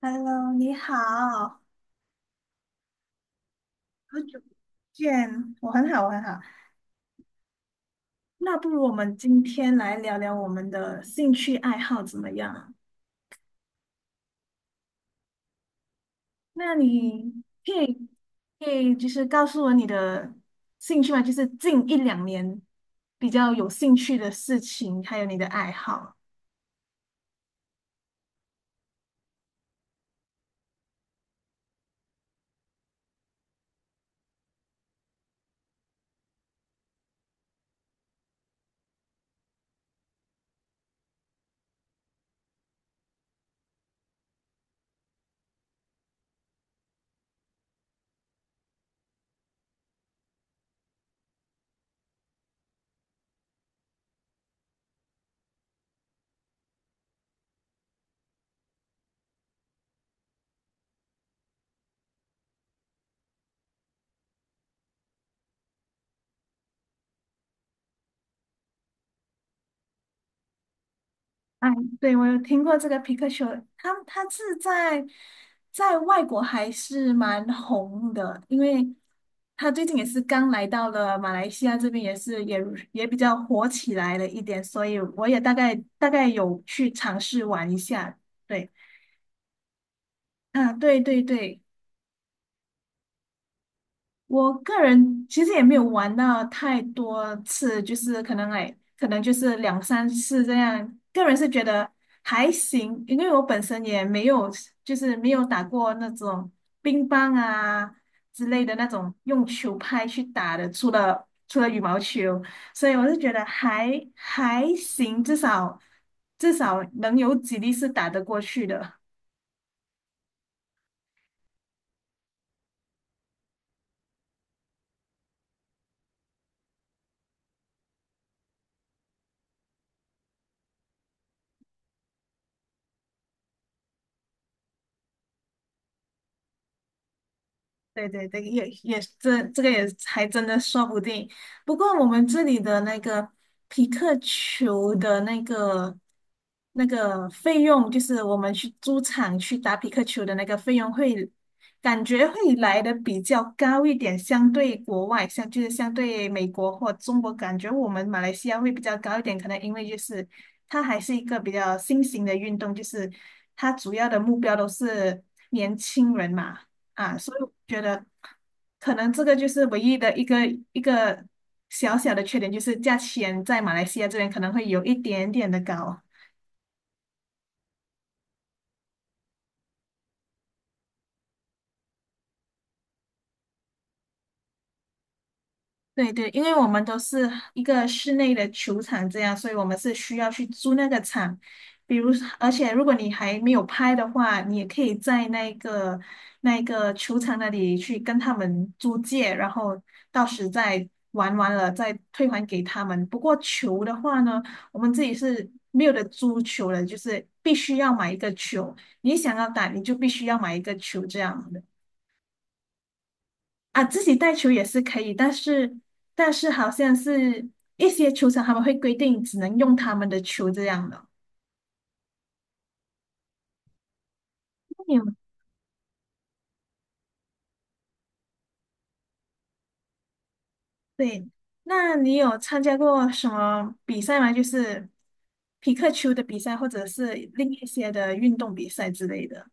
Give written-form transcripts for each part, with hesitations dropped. Hello，你好，好久不见，我很好，我很好。那不如我们今天来聊聊我们的兴趣爱好怎么样？那你可以可以就是告诉我你的兴趣吗？就是近一两年比较有兴趣的事情，还有你的爱好。哎，对，我有听过这个皮克球，他是在在外国还是蛮红的，因为他最近也是刚来到了马来西亚这边，也是也也比较火起来了一点，所以我也大概有去尝试玩一下。对，啊，对对对。我个人其实也没有玩到太多次，就是可能哎，可能就是两三次这样。个人是觉得还行，因为我本身也没有，就是没有打过那种乒乓啊之类的那种用球拍去打的，除了羽毛球，所以我是觉得还行，至少能有几粒是打得过去的。对对对，也这个也还真的说不定。不过我们这里的那个皮克球的那个费用，就是我们去租场去打皮克球的那个费用会，感觉会来的比较高一点，相对国外，像就是相对美国或中国，感觉我们马来西亚会比较高一点，可能因为就是它还是一个比较新型的运动，就是它主要的目标都是年轻人嘛。啊，所以我觉得可能这个就是唯一的一个小小的缺点，就是价钱在马来西亚这边可能会有一点点的高。对对，因为我们都是一个室内的球场这样，所以我们是需要去租那个场。比如，而且如果你还没有拍的话，你也可以在那个球场那里去跟他们租借，然后到时再玩完了再退还给他们。不过球的话呢，我们自己是没有的，租球的，就是必须要买一个球。你想要打，你就必须要买一个球这样的。啊，自己带球也是可以，但是好像是一些球场他们会规定只能用他们的球这样的。你有对，那你有参加过什么比赛吗？就是匹克球的比赛，或者是另一些的运动比赛之类的。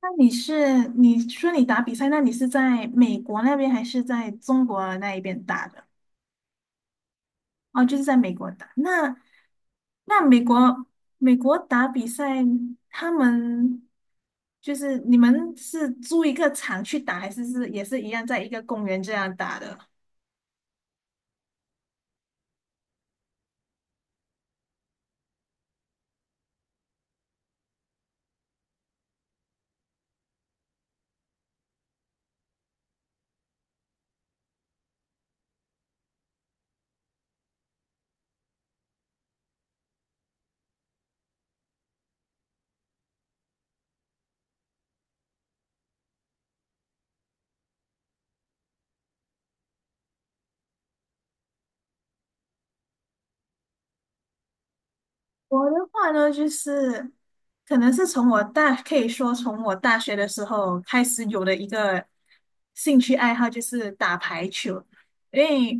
那你是你说你打比赛，那你是在美国那边还是在中国那一边打的？哦，就是在美国打。那那美国美国打比赛，他们就是你们是租一个场去打，还是是也是一样在一个公园这样打的？我的话呢，就是可能是从我大，可以说从我大学的时候开始有的一个兴趣爱好，就是打排球。因为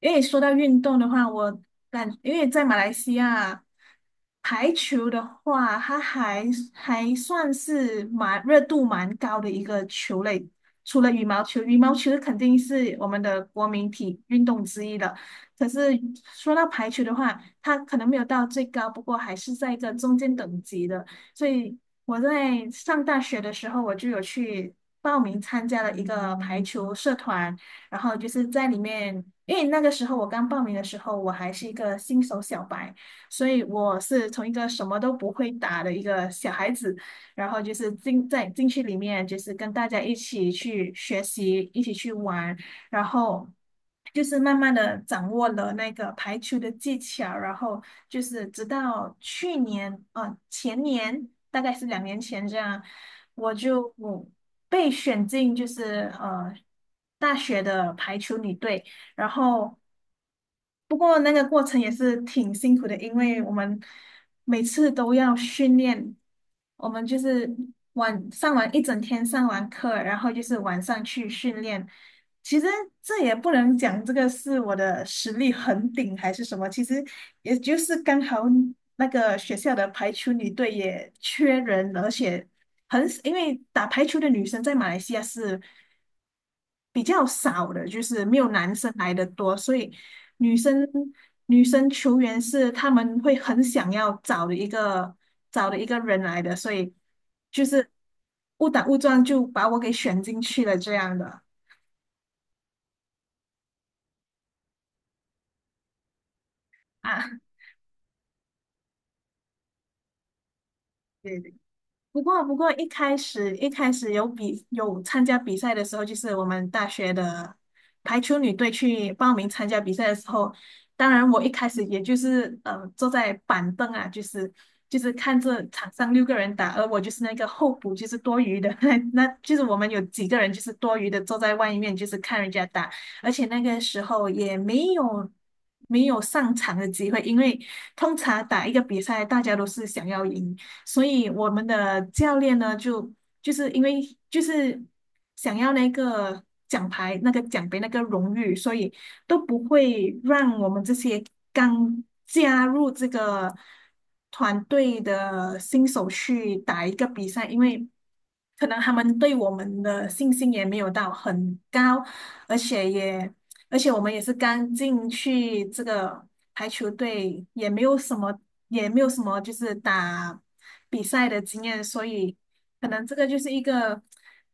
因为说到运动的话，我感因为在马来西亚排球的话，它还算是蛮热度蛮高的一个球类。除了羽毛球，羽毛球肯定是我们的国民体运动之一的。可是说到排球的话，它可能没有到最高，不过还是在一个中间等级的。所以我在上大学的时候，我就有去报名参加了一个排球社团，然后就是在里面，因为那个时候我刚报名的时候，我还是一个新手小白，所以我是从一个什么都不会打的一个小孩子，然后就是进去里面，就是跟大家一起去学习，一起去玩。然后就是慢慢的掌握了那个排球的技巧，然后就是直到去年，啊前年大概是两年前这样，我被选进就是大学的排球女队，然后不过那个过程也是挺辛苦的，因为我们每次都要训练，我们就是完一整天上完课，然后就是晚上去训练。其实这也不能讲这个是我的实力很顶还是什么，其实也就是刚好那个学校的排球女队也缺人，而且很，因为打排球的女生在马来西亚是比较少的，就是没有男生来的多，所以。女生女生球员是他们会很想要找的找的一个人来的，所以就是误打误撞就把我给选进去了这样的啊。对。不过一开始有参加比赛的时候，就是我们大学的排球女队去报名参加比赛的时候，当然我一开始也就是坐在板凳啊，就是看着场上六个人打，而我就是那个候补，就是多余的，那就是我们有几个人就是多余的坐在外面，就是看人家打，而且那个时候也没有。没有上场的机会，因为通常打一个比赛，大家都是想要赢，所以我们的教练呢，就是因为就是想要那个奖牌、那个奖杯、那个荣誉，所以都不会让我们这些刚加入这个团队的新手去打一个比赛，因为可能他们对我们的信心也没有到很高，而且也而且我们也是刚进去这个排球队，也没有什么，也没有什么就是打比赛的经验，所以可能这个就是一个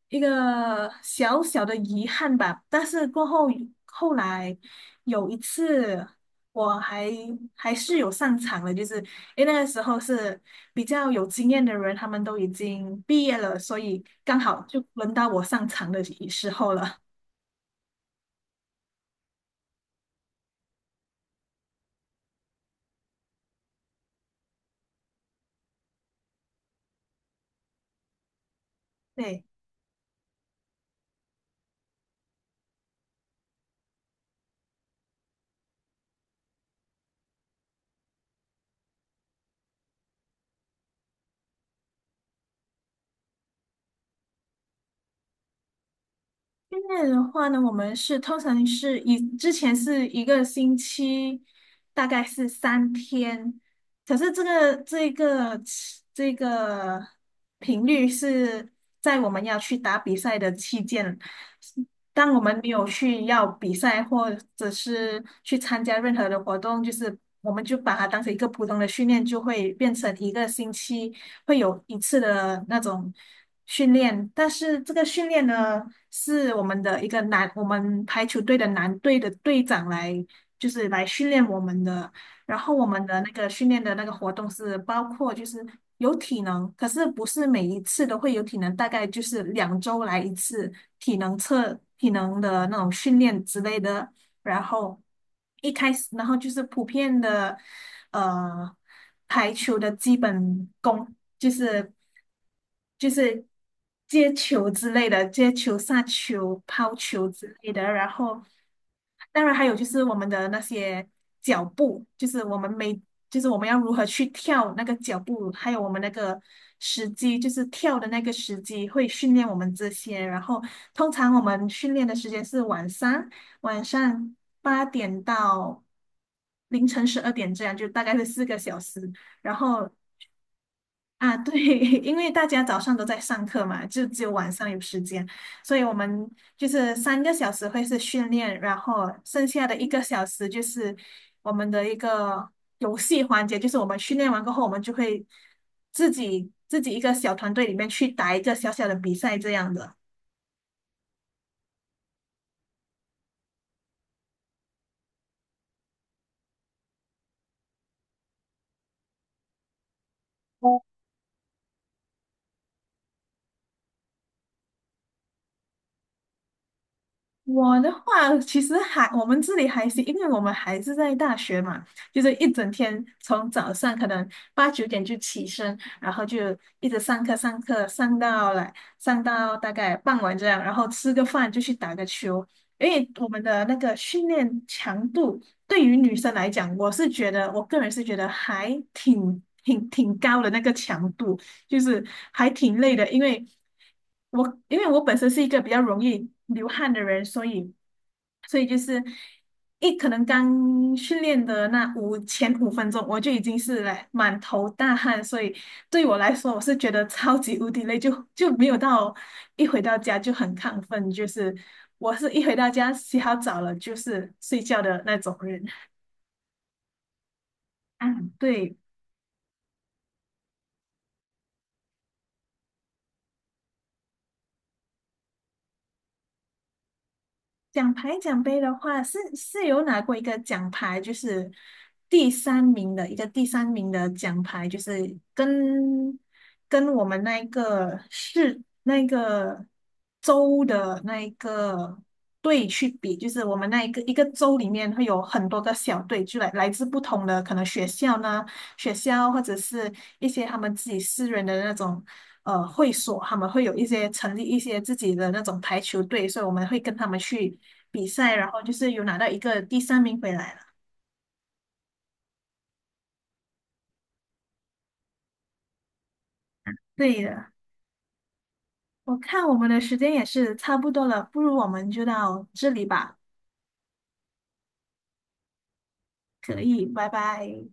一个小小的遗憾吧。但是过后后来有一次，我还还是有上场的，就是因为那个时候是比较有经验的人，他们都已经毕业了，所以刚好就轮到我上场的时候了。对。训练的话呢，我们是通常是以之前是一个星期，大概是三天，可是这个频率是在我们要去打比赛的期间，当我们没有去要比赛或者是去参加任何的活动，就是我们就把它当成一个普通的训练，就会变成一个星期。会有一次的那种训练，但是这个训练呢，是我们的一个男，我们排球队的男队的队长来，就是来训练我们的。然后我们的那个训练的那个活动是包括就是有体能，可是不是每一次都会有体能，大概就是两周来一次体能的那种训练之类的。然后一开始，然后就是普遍的呃排球的基本功，就是。就是接球之类的，接球、杀球、抛球之类的。然后，当然还有就是我们的那些脚步，就是我们每，就是我们要如何去跳那个脚步，还有我们那个时机，就是跳的那个时机会训练我们这些。然后，通常我们训练的时间是晚上，晚上八点到凌晨十二点这样，就大概是四个小时。然后啊，对，因为大家早上都在上课嘛，就只有晚上有时间，所以我们就是三个小时会是训练，然后剩下的一个小时就是我们的一个游戏环节，就是我们训练完过后，我们就会自己一个小团队里面去打一个小小的比赛这样的。我的话，其实还我们这里还是，因为我们还是在大学嘛，就是一整天从早上可能八九点就起身，然后就一直上课上到大概傍晚这样，然后吃个饭就去打个球。因为我们的那个训练强度对于女生来讲，我个人是觉得还挺高的那个强度。就是还挺累的，因为我本身是一个比较容易流汗的人，所以就是一可能刚训练的那前五分钟，我就已经是来满头大汗，所以对我来说，我是觉得超级无敌累，就没有到一回到家就很亢奋，就是我是一回到家洗好澡了就是睡觉的那种人。啊，对，奖牌奖杯的话，是有拿过一个奖牌，就是第三名的奖牌，就是跟跟我们那一个市那个州的那一个队去比，就是我们那一个州里面会有很多个小队，就来自不同的可能学校呢，学校或者是一些他们自己私人的那种。呃会所，他们会有一些成立一些自己的那种排球队，所以我们会跟他们去比赛，然后就是有拿到一个第三名回来了。对的，我看我们的时间也是差不多了，不如我们就到这里吧。可以，拜拜。